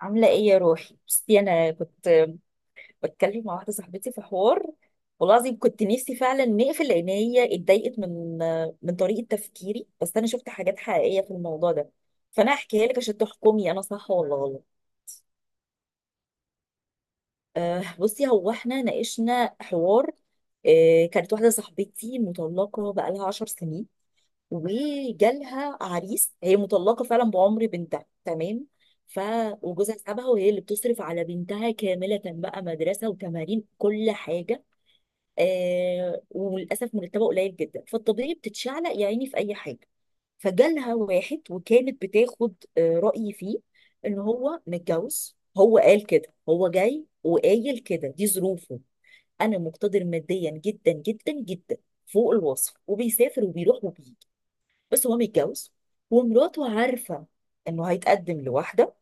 عاملة ايه يا روحي؟ بصي، انا كنت بتكلم مع واحدة صاحبتي في حوار. والله العظيم كنت نفسي فعلا نقفل لان هي اتضايقت من طريقة تفكيري، بس انا شفت حاجات حقيقية في الموضوع ده. فانا هحكيها لك عشان تحكمي انا صح ولا غلط. بصي، هو احنا ناقشنا حوار. كانت واحدة صاحبتي مطلقة بقالها 10 سنين، وجالها عريس. هي مطلقه فعلا بعمر بنتها، تمام. ف وجوزها سابها، وهي اللي بتصرف على بنتها كامله، بقى مدرسه وتمارين كل حاجه. وللاسف مرتبه قليل جدا، فالطبيعي بتتشعلق يا عيني في اي حاجه. فجالها واحد، وكانت بتاخد رايي فيه ان هو متجوز. هو قال كده، هو جاي وقايل كده دي ظروفه. انا مقتدر ماديا جدا جدا جدا، فوق الوصف، وبيسافر وبيروح وبيجي، بس هو متجوز، ومراته عارفة انه هيتقدم لواحدة،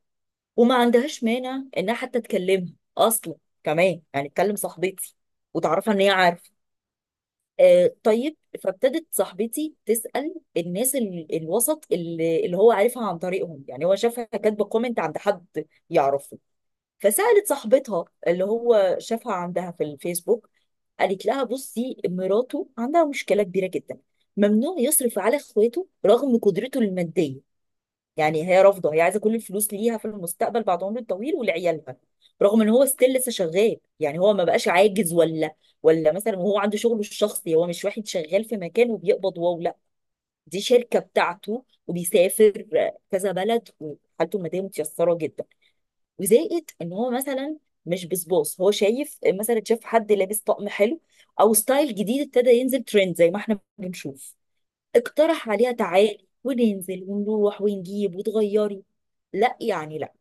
وما عندهاش مانع انها حتى تكلمها اصلا، كمان يعني تكلم صاحبتي وتعرفها ان هي عارفة. آه، طيب. فابتدت صاحبتي تسأل الناس الوسط اللي هو عارفها عن طريقهم. يعني هو شافها كاتبة كومنت عند حد يعرفه، فسألت صاحبتها اللي هو شافها عندها في الفيسبوك. قالت لها بصي، مراته عندها مشكلة كبيرة جدا: ممنوع يصرف على اخواته رغم قدرته المادية. يعني هي رافضه، هي عايزه كل الفلوس ليها في المستقبل بعد عمر طويل، ولعيالها، رغم ان هو ستيل لسه شغال. يعني هو ما بقاش عاجز ولا مثلا، وهو عنده شغله الشخصي، هو مش واحد شغال في مكان وبيقبض، واو لا، دي شركه بتاعته وبيسافر كذا بلد، وحالته الماديه متيسره جدا. وزائد ان هو مثلا مش بصباص، هو شايف مثلا، شاف حد لابس طقم حلو او ستايل جديد، ابتدى ينزل ترند زي ما احنا بنشوف. اقترح عليها تعالي وننزل ونروح ونجيب وتغيري. لا يعني لا.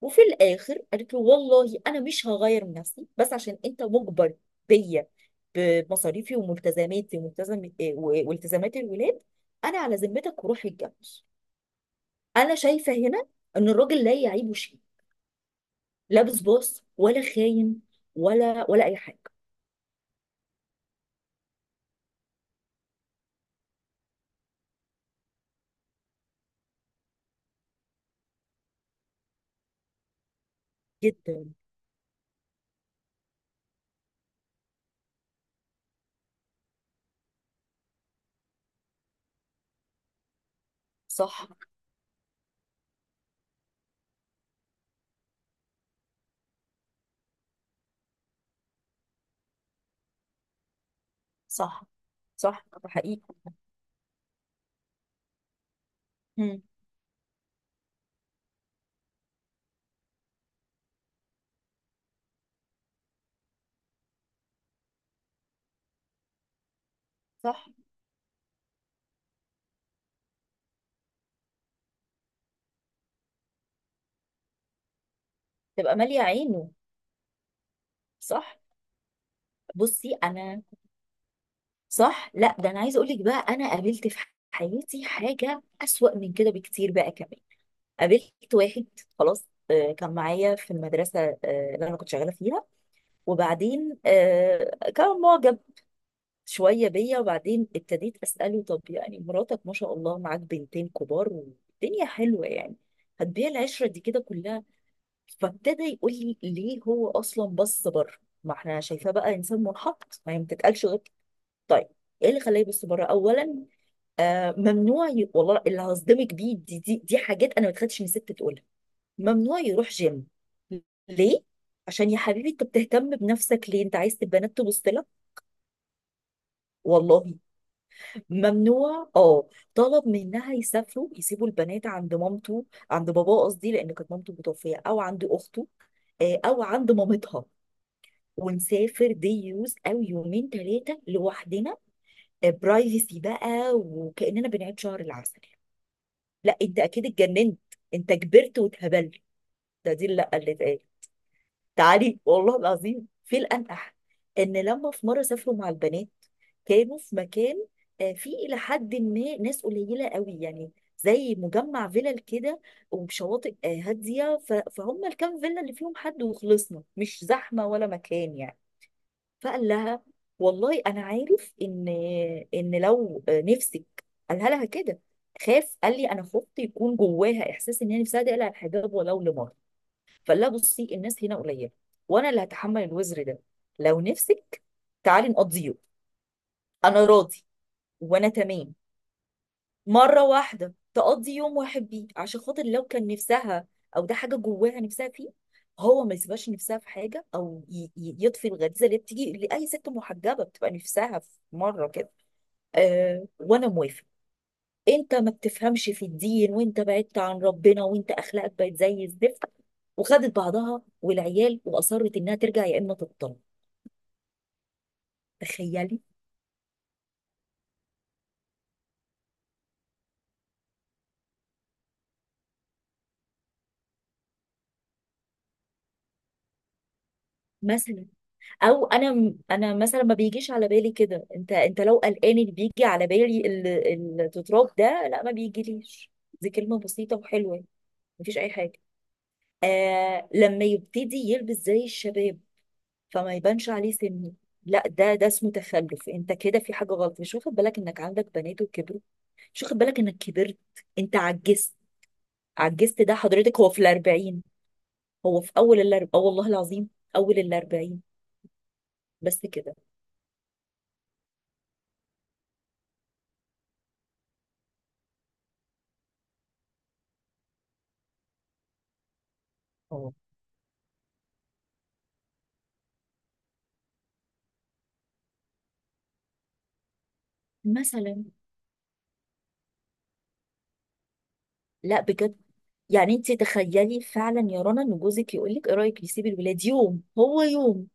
وفي الاخر قالت له والله انا مش هغير من نفسي، بس عشان انت مجبر بيا، بمصاريفي وملتزماتي وملتزم والتزامات الولاد، انا على ذمتك وروح اتجوز. انا شايفه هنا ان الراجل لا يعيبه شيء، لا بصباص ولا خاين، ولا اي حاجه. جدا. صح. صح. صح، ده حقيقي. مم. صح. تبقى ماليه عينه. صح. بصي انا، صح. لا، ده انا عايزه اقول لك بقى، انا قابلت في حياتي حاجه اسوأ من كده بكتير بقى كمان. قابلت واحد، خلاص، كان معايا في المدرسه، اللي انا كنت شغاله فيها. وبعدين كان معجب شويه بيا. وبعدين ابتديت اساله، طب يعني مراتك ما شاء الله معاك بنتين كبار والدنيا حلوه يعني، هتبيع العشره دي كده كلها؟ فابتدى يقول لي، ليه هو اصلا بص بره؟ ما احنا شايفاه بقى انسان منحط. ما هي ما تتقالش غير طيب، ايه اللي خلاه يبص بره اولا؟ والله اللي هصدمك بيه، دي حاجات انا ما اتخدتش من ست تقولها. ممنوع يروح جيم. ليه؟ عشان يا حبيبي انت بتهتم بنفسك ليه؟ انت عايز تبقى بنات تبص لك؟ والله. ممنوع. اه، طلب منها يسافروا، يسيبوا البنات عند مامته، عند باباه قصدي، لان كانت مامته متوفيه، او عند اخته، او عند مامتها، ونسافر دي يوز او يومين ثلاثه لوحدنا، برايفسي بقى، وكأننا بنعيد شهر العسل. لا انت اكيد اتجننت، انت كبرت واتهبلت. ده دي اللي اتقال. تعالي، والله العظيم في الانقح، ان لما في مره سافروا مع البنات، كانوا في مكان فيه الى حد ما ناس قليله قوي يعني، زي مجمع فيلل كده وشواطئ هاديه. فهم الكام فيلا اللي فيهم حد وخلصنا، مش زحمه ولا مكان يعني. فقال لها والله انا عارف ان لو نفسك، قالها لها كده. خاف، قال لي انا خفت يكون جواها احساس ان هي نفسها تقلع الحجاب ولو لمره. فقال لها بصي، الناس هنا قليله، وانا اللي هتحمل الوزر ده، لو نفسك تعالي نقضيه، انا راضي وانا تمام، مرة واحدة تقضي يوم واحد بيه عشان خاطر لو كان نفسها، او ده حاجة جواها نفسها فيه، هو ما يسيبهاش نفسها في حاجة، او يطفي الغريزة اللي بتيجي لأي ست محجبة بتبقى نفسها في مرة كده. آه وانا موافق. انت ما بتفهمش في الدين، وانت بعدت عن ربنا، وانت اخلاقك بقت زي الزفت. وخدت بعضها والعيال، واصرت انها ترجع يا اما تطلق. تخيلي. مثلا. او انا انا مثلا ما بيجيش على بالي كده. انت لو قلقان، اللي بيجي على بالي التتراب ده، لا ما بيجيليش. دي كلمه بسيطه وحلوه. مفيش اي حاجه. آه، لما يبتدي يلبس زي الشباب فما يبانش عليه سنه. لا، ده اسمه تخلف. انت كده في حاجه غلط، مش واخد بالك انك عندك بنات وكبروا، مش واخد بالك انك كبرت. انت عجزت. عجزت؟ ده حضرتك هو في الاربعين. هو في اول الاربعين، اه والله العظيم اول الاربعين. بس كده. اه. مثلا. لا بجد، يعني انت تخيلي فعلا يا رنا، ان جوزك يقول لك ايه رايك نسيب الولاد يوم هو يوم،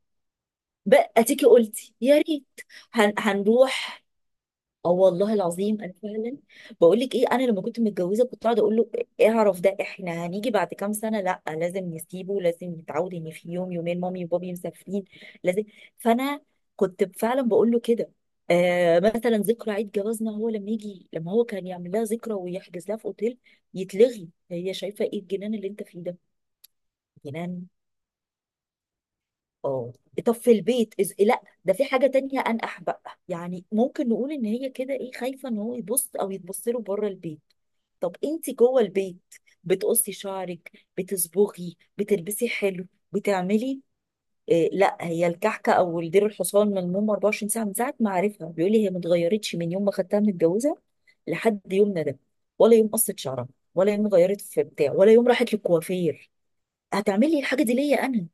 بقى تيجي قلتي يا ريت. هنروح. اه والله العظيم انا فعلا بقول لك ايه، انا لما كنت متجوزه كنت قاعده اقول له اعرف، ده احنا هنيجي بعد كام سنه، لا لازم نسيبه، لازم نتعود ان في يوم يومين مامي وبابي مسافرين، لازم. فانا كنت فعلا بقول له كده. آه، مثلا ذكرى عيد جوازنا، هو لما يجي، لما هو كان يعمل لها ذكرى ويحجز لها في اوتيل يتلغي. هي شايفه ايه الجنان اللي انت فيه ده؟ جنان. اه. طب في البيت لا ده في حاجة تانية أنقح بقى، يعني ممكن نقول إن هي كده إيه، خايفة إن هو يبص أو يتبص له بره البيت. طب أنت جوه البيت بتقصي شعرك، بتصبغي، بتلبسي حلو، بتعملي إيه؟ لا، هي الكحكة أو الدير الحصان من المهم 24 ساعة من ساعة ما عارفها. بيقول لي هي ما اتغيرتش من يوم ما خدتها متجوزة لحد يومنا ده، ولا يوم قصت شعرها، ولا يوم غيرت في بتاع، ولا يوم راحت للكوافير. هتعملي الحاجة دي ليا أنا؟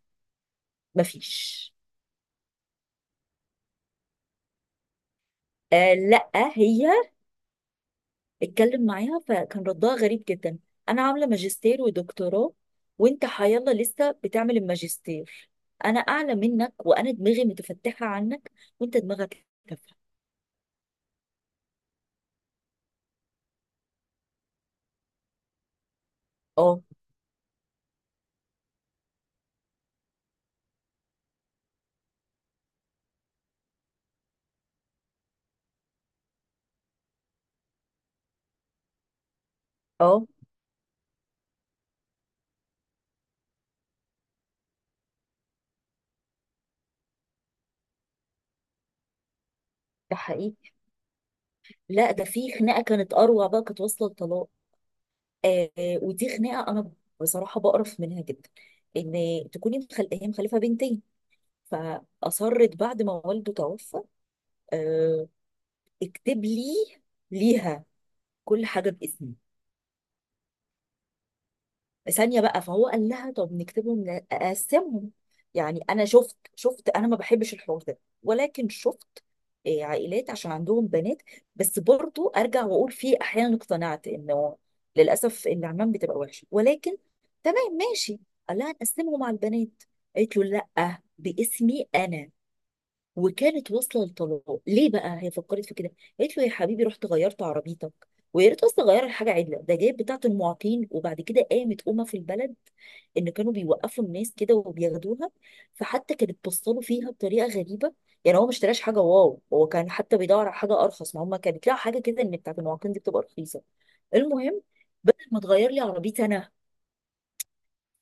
مفيش. آه. لا، هي. اتكلم معاها فكان ردها غريب جدا: انا عامله ماجستير ودكتوراه، وانت حيالله لسه بتعمل الماجستير، انا اعلى منك وانا دماغي متفتحه عنك، وانت دماغك تافهه. اه. اه، ده حقيقي. لا، ده في خناقه كانت اروع بقى، كانت واصله لطلاق. ودي خناقه انا بصراحه بقرف منها جدا، ان هي مخلفه بنتين، فاصرت بعد ما والده توفى آه اكتب لي، ليها، كل حاجه باسمي، ثانيه بقى. فهو قال لها طب نكتبهم، اقسمهم. يعني انا شفت، انا ما بحبش الحوار ده، ولكن شفت عائلات عشان عندهم بنات، بس برضو ارجع واقول فيه احيانا، اقتنعت انه للاسف العمام بتبقى وحشه، ولكن تمام ماشي. قال لها نقسمهم على البنات، قالت له لا، باسمي انا. وكانت واصله للطلاق. ليه بقى هي فكرت في كده؟ قالت له يا حبيبي رحت غيرت عربيتك، ويا ريت اصلا غير الحاجه عدله، ده جايب بتاعه المعاقين. وبعد كده قامت امه في البلد ان كانوا بيوقفوا الناس كده وبياخدوها، فحتى كانت بصله فيها بطريقه غريبه. يعني هو ما اشتراش حاجه، واو هو كان حتى بيدور على حاجه ارخص، ما هم كانت لها حاجه كده، ان بتاعه المعاقين دي بتبقى رخيصه. المهم، ما تغير لي عربيتي انا.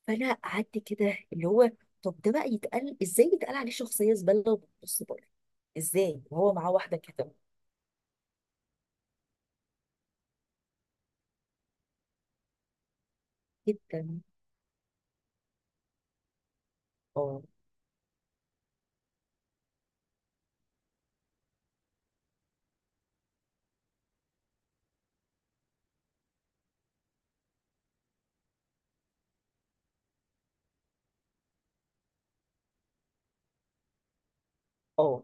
فانا قعدت كده اللي هو، طب ده بقى يتقال ازاي، يتقال عليه شخصيه زباله وبتبص بره ازاي، وهو معاه واحده كده؟ جدا. اه. اه.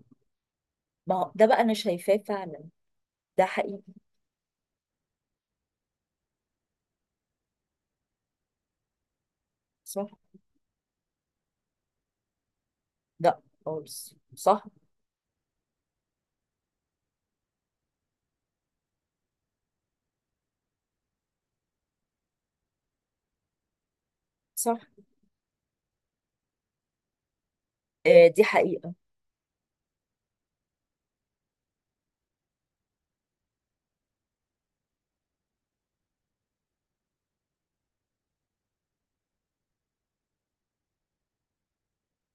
ما هو ده بقى انا شايفاه فعلا، ده حقيقي. صح. لا خالص، صح. صح. آه، دي حقيقه.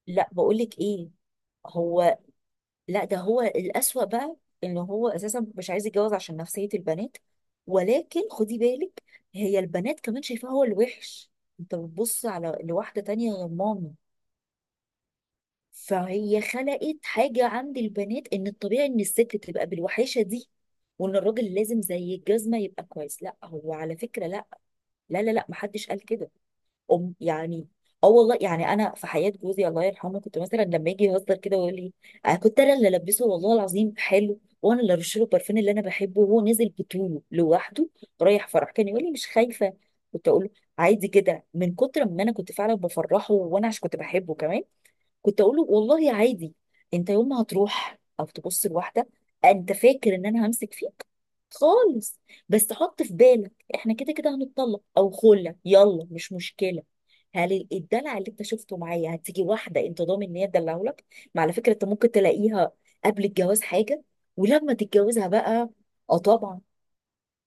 لا، بقول لك ايه، هو، لا ده هو الاسوأ بقى. ان هو اساسا مش عايز يتجوز عشان نفسيه البنات، ولكن خدي بالك، هي البنات كمان شايفاه هو الوحش: انت بتبص على لواحده تانية غير مامي؟ فهي خلقت حاجة عند البنات ان الطبيعي ان الست تبقى بالوحاشة دي، وان الراجل لازم زي الجزمة يبقى كويس. لا، هو على فكرة لا. لا لا لا، محدش قال كده. أم، يعني، اه والله يعني انا في حياة جوزي الله يرحمه كنت مثلا لما يجي يهزر كده ويقول لي، انا كنت انا اللي البسه والله العظيم حلو، وانا اللي ارش له البرفان اللي انا بحبه، وهو نازل بطوله لوحده رايح فرح، كان يقول لي مش خايفة؟ كنت اقول له عادي كده، من كتر ما انا كنت فعلا بفرحه، وانا عشان كنت بحبه كمان كنت اقول له والله عادي، انت يوم ما هتروح او تبص لواحده، انت فاكر ان انا همسك فيك؟ خالص. بس حط في بالك احنا كده كده هنتطلق او خلة، يلا مش مشكله. هل الدلع اللي انت شفته معايا هتيجي واحده انت ضامن ان هي تدلعه لك؟ ما على فكره انت ممكن تلاقيها قبل الجواز حاجه، ولما تتجوزها بقى، اه طبعا،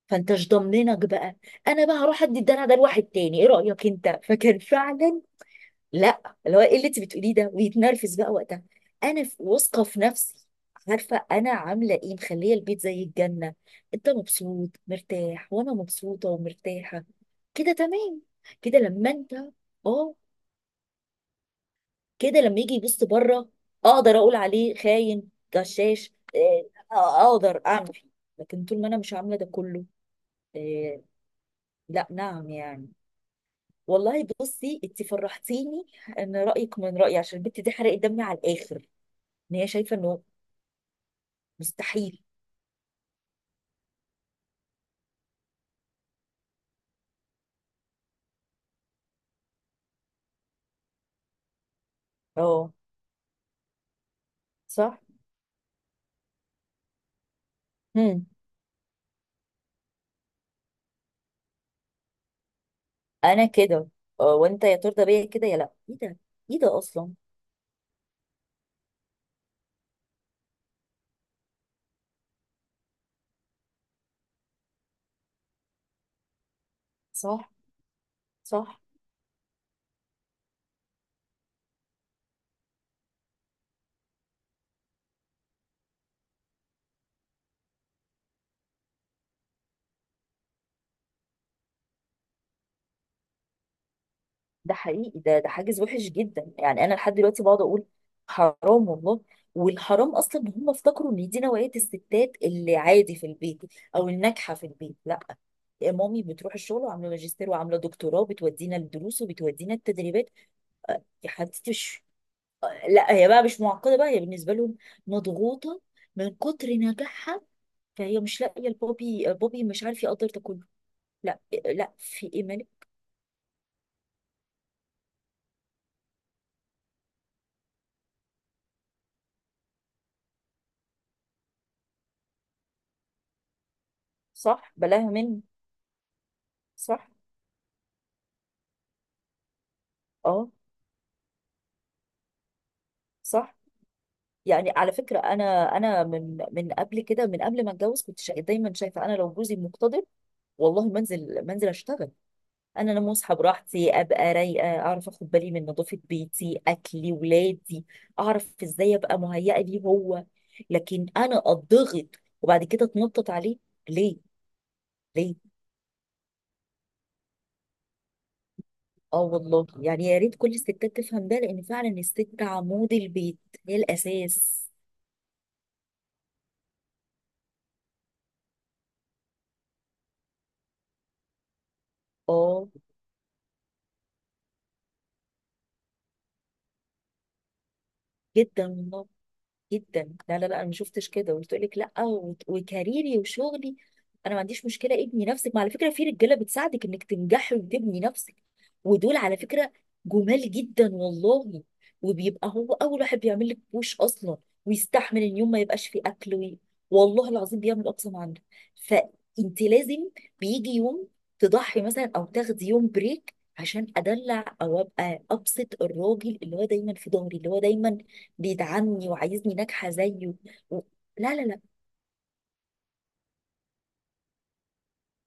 فانت مش ضامنك بقى. انا بقى هروح ادي الدلع ده لواحد تاني، ايه رايك انت؟ فكان فعلا لا، اللي هو ايه اللي انت بتقوليه ده، ويتنرفز بقى وقتها. انا واثقه في نفسي، عارفه انا عامله ايه، مخليه البيت زي الجنه، انت مبسوط مرتاح وانا مبسوطه ومرتاحه، كده تمام. كده لما انت، اه. كده لما يجي يبص بره اقدر اقول عليه خاين غشاش إيه، آه، اقدر اعمل فيه. لكن طول ما انا مش عامله ده كله، إيه، لا، نعم يعني. والله بصي انت فرحتيني ان رايك من رايي، عشان البت دي حرقت دمي على الاخر ان هي شايفه انه مستحيل. اه. صح. هم. انا كده، وانت يا ترضى بيا كده يا لا؟ ايه ده؟ ايه ده اصلا؟ صح. صح. ده حقيقي، ده حاجز وحش جدا، يعني انا لحد دلوقتي بقعد اقول حرام والله. والحرام اصلا ان هم افتكروا ان دي نوعيه الستات اللي عادي في البيت او الناجحه في البيت، لا. مامي بتروح الشغل وعامله ماجستير وعامله دكتوراه، بتودينا الدروس وبتودينا التدريبات. يا حبيبتي، لا هي بقى مش معقده بقى، هي بالنسبه لهم مضغوطه من كتر نجاحها، فهي مش لاقيه البوبي، بوبي مش عارف يقدر ده كله. لا. لا، في ايه مالك؟ صح، بلاها منه. صح. اه. صح. يعني على فكره انا، انا من قبل كده، من قبل ما اتجوز كنت دايما شايفه انا لو جوزي مقتدر، والله منزل، اشتغل. انا لما اصحى براحتي ابقى رايقه، اعرف اخد بالي من نظافه بيتي، اكلي ولادي، اعرف ازاي ابقى مهيئه ليه هو. لكن انا اتضغط وبعد كده اتنطط عليه ليه؟ ليه؟ اه والله، يعني يا ريت كل الستات تفهم ده، لان فعلا الست عمود البيت، هي الاساس. اه. جدا والله، جدا. لا لا لا، انا ما شفتش كده وتقول لك لا، وكاريري وشغلي انا ما عنديش مشكله. ابني نفسك، ما على فكره في رجاله بتساعدك انك تنجحي وتبني نفسك، ودول على فكره جمال جدا والله، وبيبقى هو اول واحد بيعمل لك بوش اصلا، ويستحمل ان يوم ما يبقاش فيه اكل والله العظيم بيعمل اقصى ما عنده. فانت لازم، بيجي يوم تضحي مثلا او تاخدي يوم بريك عشان ادلع او ابقى ابسط الراجل اللي هو دايما في ظهري، اللي هو دايما بيدعمني وعايزني ناجحة زيه. و... لا لا لا.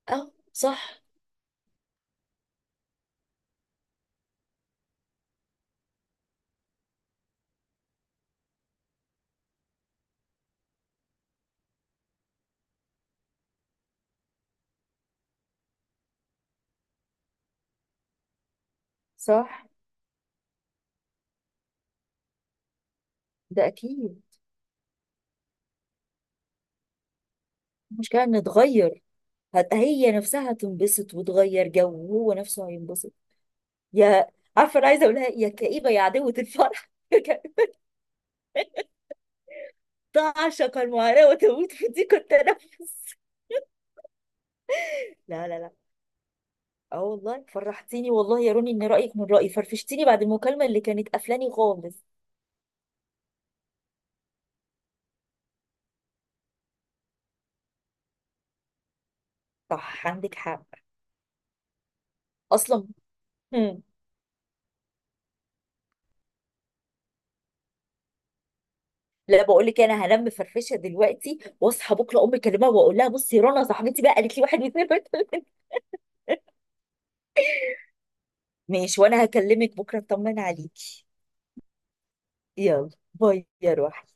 اه صح. صح. ده أكيد. مش كان نتغير؟ هي نفسها هتنبسط وتغير جو، وهو نفسه هينبسط. يا، عارفة أنا عايزة أقولها، يا كئيبة يا عدوة الفرح. تعشق المعاناة وتموت في ضيق التنفس. لا لا لا. اه والله فرحتيني والله يا روني ان رايك من رايي، فرفشتيني بعد المكالمه اللي كانت قفلاني خالص. صح، عندك حق. اصلا. لا، بقول لك، انا هنام مفرفشه دلوقتي، واصحى بكره امي اكلمها واقول لها بصي، رنا صاحبتي بقى قالت لي واحد واثنين وثلاثه. ماشي، وانا هكلمك بكره اطمن عليكي. يلا باي يا روحي.